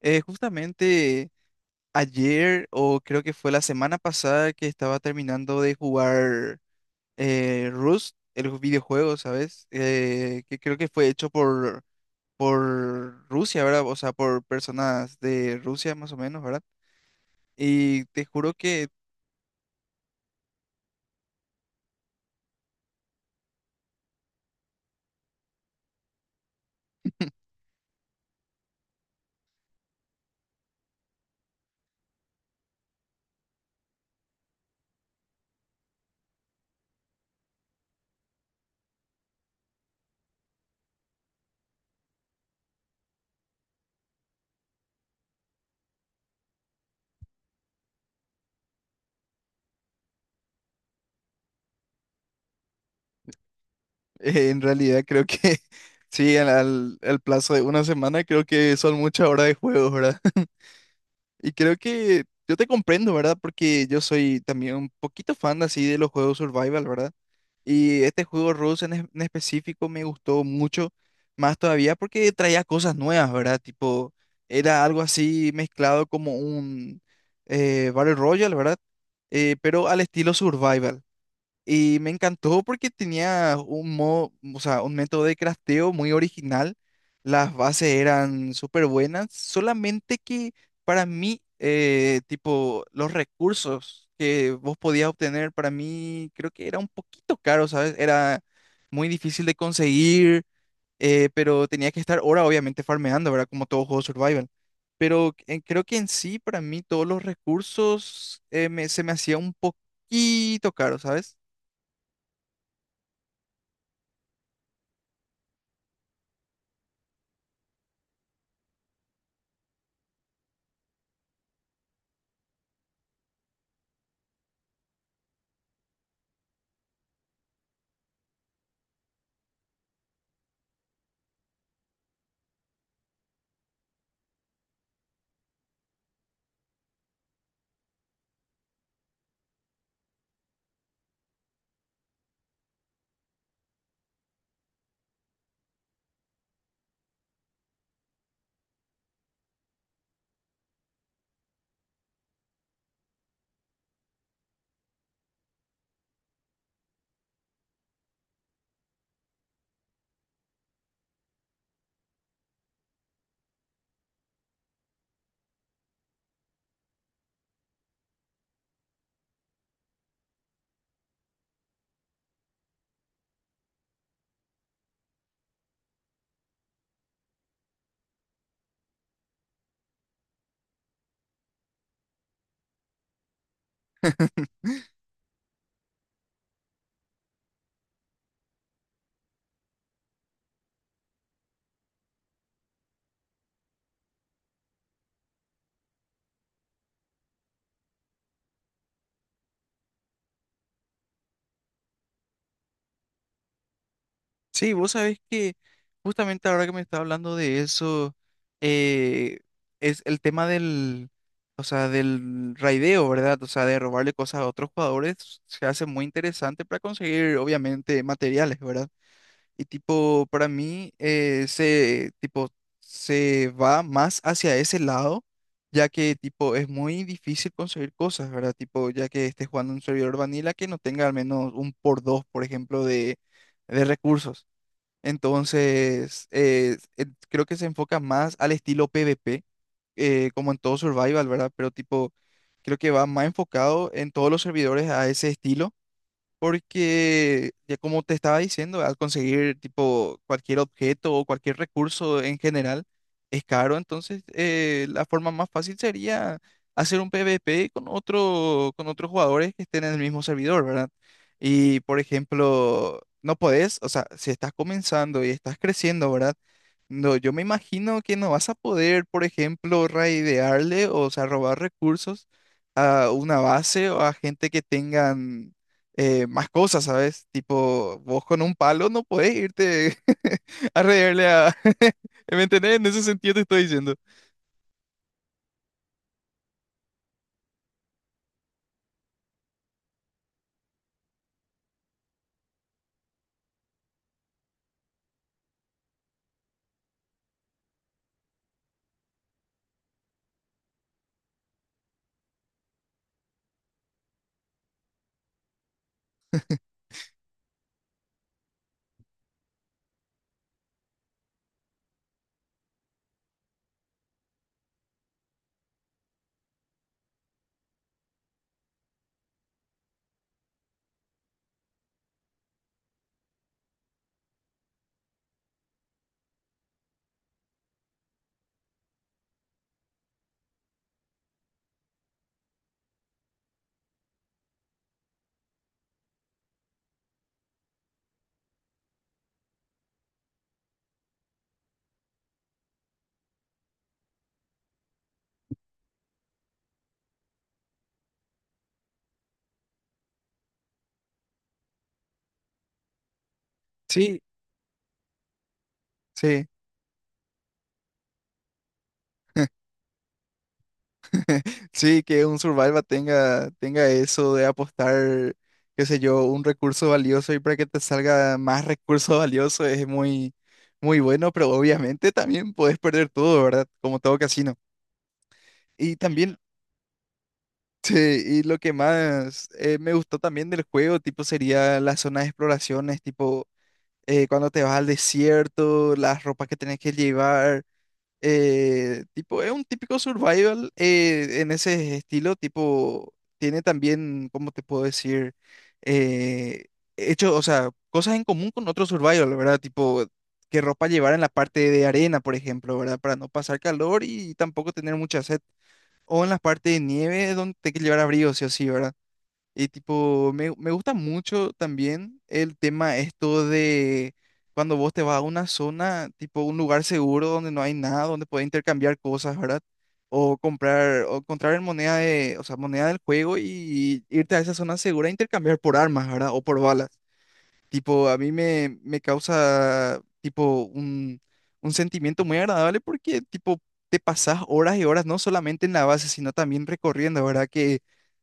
Justamente ayer, o creo que fue la semana pasada, que estaba terminando de jugar Rust, el videojuego, ¿sabes? Que creo que fue hecho por Rusia, ¿verdad? O sea, por personas de Rusia, más o menos, ¿verdad? Y te juro que en realidad creo que sí, al plazo de una semana creo que son muchas horas de juego, ¿verdad? Y creo que yo te comprendo, ¿verdad? Porque yo soy también un poquito fan así de los juegos survival, ¿verdad? Y este juego Rust en específico me gustó mucho, más todavía porque traía cosas nuevas, ¿verdad? Tipo, era algo así mezclado como un Battle Royale, ¿verdad? Pero al estilo survival. Y me encantó porque tenía un modo, o sea, un método de crafteo muy original. Las bases eran súper buenas, solamente que para mí, tipo, los recursos que vos podías obtener, para mí creo que era un poquito caro, ¿sabes? Era muy difícil de conseguir, pero tenía que estar ahora obviamente farmeando, ¿verdad? Como todo juego survival. Pero creo que en sí, para mí, todos los recursos se me hacía un poquito caro, ¿sabes? Sí, vos sabés que justamente ahora que me está hablando de eso, eh, es el tema del, o sea, del raideo, ¿verdad? O sea, de robarle cosas a otros jugadores, se hace muy interesante para conseguir, obviamente, materiales, ¿verdad? Y tipo, para mí, se, tipo, se va más hacia ese lado, ya que, tipo, es muy difícil conseguir cosas, ¿verdad? Tipo, ya que estés jugando un servidor vanilla que no tenga al menos un por dos, por ejemplo, de recursos. Entonces, creo que se enfoca más al estilo PvP, como en todo Survival, ¿verdad? Pero tipo, creo que va más enfocado en todos los servidores a ese estilo. Porque, ya como te estaba diciendo, al conseguir tipo cualquier objeto o cualquier recurso en general es caro, entonces la forma más fácil sería hacer un PvP con otro, con otros jugadores que estén en el mismo servidor, ¿verdad? Y por ejemplo, no podés, o sea, si estás comenzando y estás creciendo, ¿verdad? No, yo me imagino que no vas a poder, por ejemplo, raidearle, o sea, robar recursos a una base o a gente que tengan más cosas, ¿sabes? Tipo, vos con un palo no podés irte a reírle a... ¿Me entendés? En ese sentido te estoy diciendo. Sí. Sí, sí, que un survival tenga, tenga eso de apostar, qué sé yo, un recurso valioso y para que te salga más recurso valioso es muy, muy bueno, pero obviamente también puedes perder todo, ¿verdad? Como todo casino. Y también, sí, y lo que más me gustó también del juego, tipo, sería las zonas de exploraciones, tipo... cuando te vas al desierto, las ropas que tenés que llevar. Tipo, es un típico survival en ese estilo, tipo, tiene también, ¿cómo te puedo decir? Eh, Hecho, o sea, cosas en común con otro survival, ¿verdad? Tipo, qué ropa llevar en la parte de arena, por ejemplo, ¿verdad? Para no pasar calor y tampoco tener mucha sed. O en la parte de nieve, donde te que llevar abrigo, sí o sí, ¿verdad? Y tipo, me gusta mucho también el tema esto de cuando vos te vas a una zona, tipo un lugar seguro donde no hay nada, donde puedes intercambiar cosas, ¿verdad? O comprar en moneda de, o sea, moneda del juego y, irte a esa zona segura e intercambiar por armas, ¿verdad? O por balas. Tipo, me causa, tipo, un sentimiento muy agradable porque, tipo, te pasás horas y horas, no solamente en la base, sino también recorriendo, ¿verdad? Que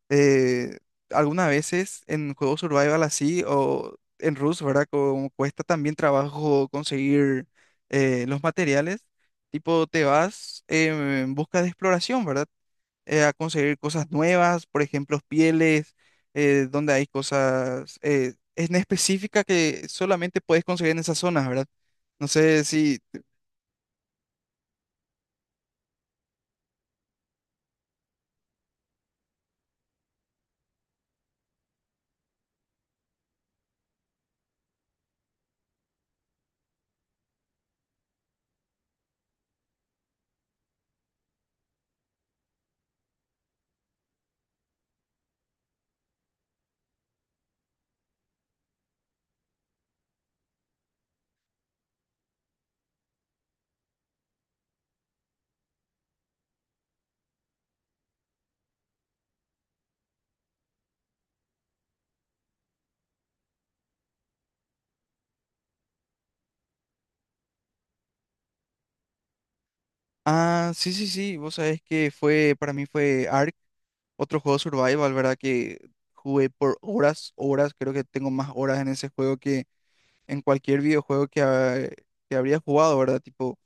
eh, algunas veces en juegos survival así o en Rust, ¿verdad? Como cuesta también trabajo conseguir los materiales, tipo, te vas en busca de exploración, ¿verdad? A conseguir cosas nuevas, por ejemplo, pieles, donde hay cosas en específica que solamente puedes conseguir en esas zonas, ¿verdad? No sé si... Ah, sí, sí, sí, vos sabés que fue, para mí fue Ark, otro juego survival, ¿verdad? Que jugué por horas, horas, creo que tengo más horas en ese juego en cualquier videojuego que, que habría jugado, ¿verdad? Tipo,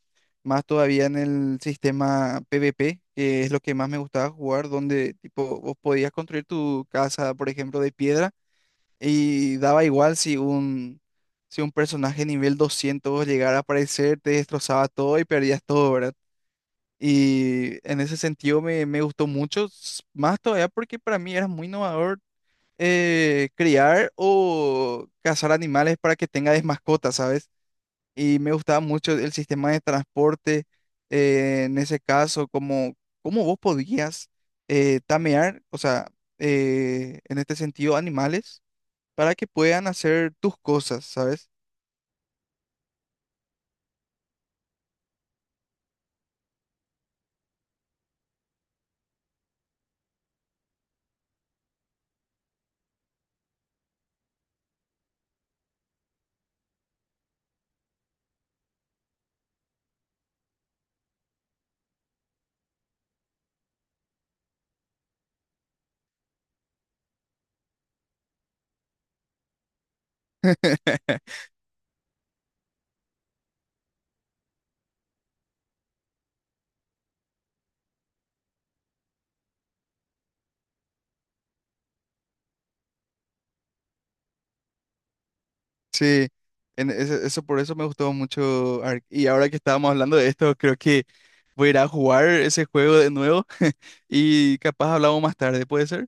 más todavía en el sistema PvP, que es lo que más me gustaba jugar, donde tipo vos podías construir tu casa, por ejemplo, de piedra y daba igual si un si un personaje nivel 200 llegara a aparecer, te destrozaba todo y perdías todo, ¿verdad? Y en ese sentido me gustó mucho, más todavía porque para mí era muy innovador criar o cazar animales para que tengas mascotas, ¿sabes? Y me gustaba mucho el sistema de transporte en ese caso, como cómo vos podías tamear, o sea, en este sentido, animales para que puedan hacer tus cosas, ¿sabes? Sí, eso, por eso me gustó mucho. Ark. Y ahora que estábamos hablando de esto, creo que voy a ir a jugar ese juego de nuevo y capaz hablamos más tarde, ¿puede ser?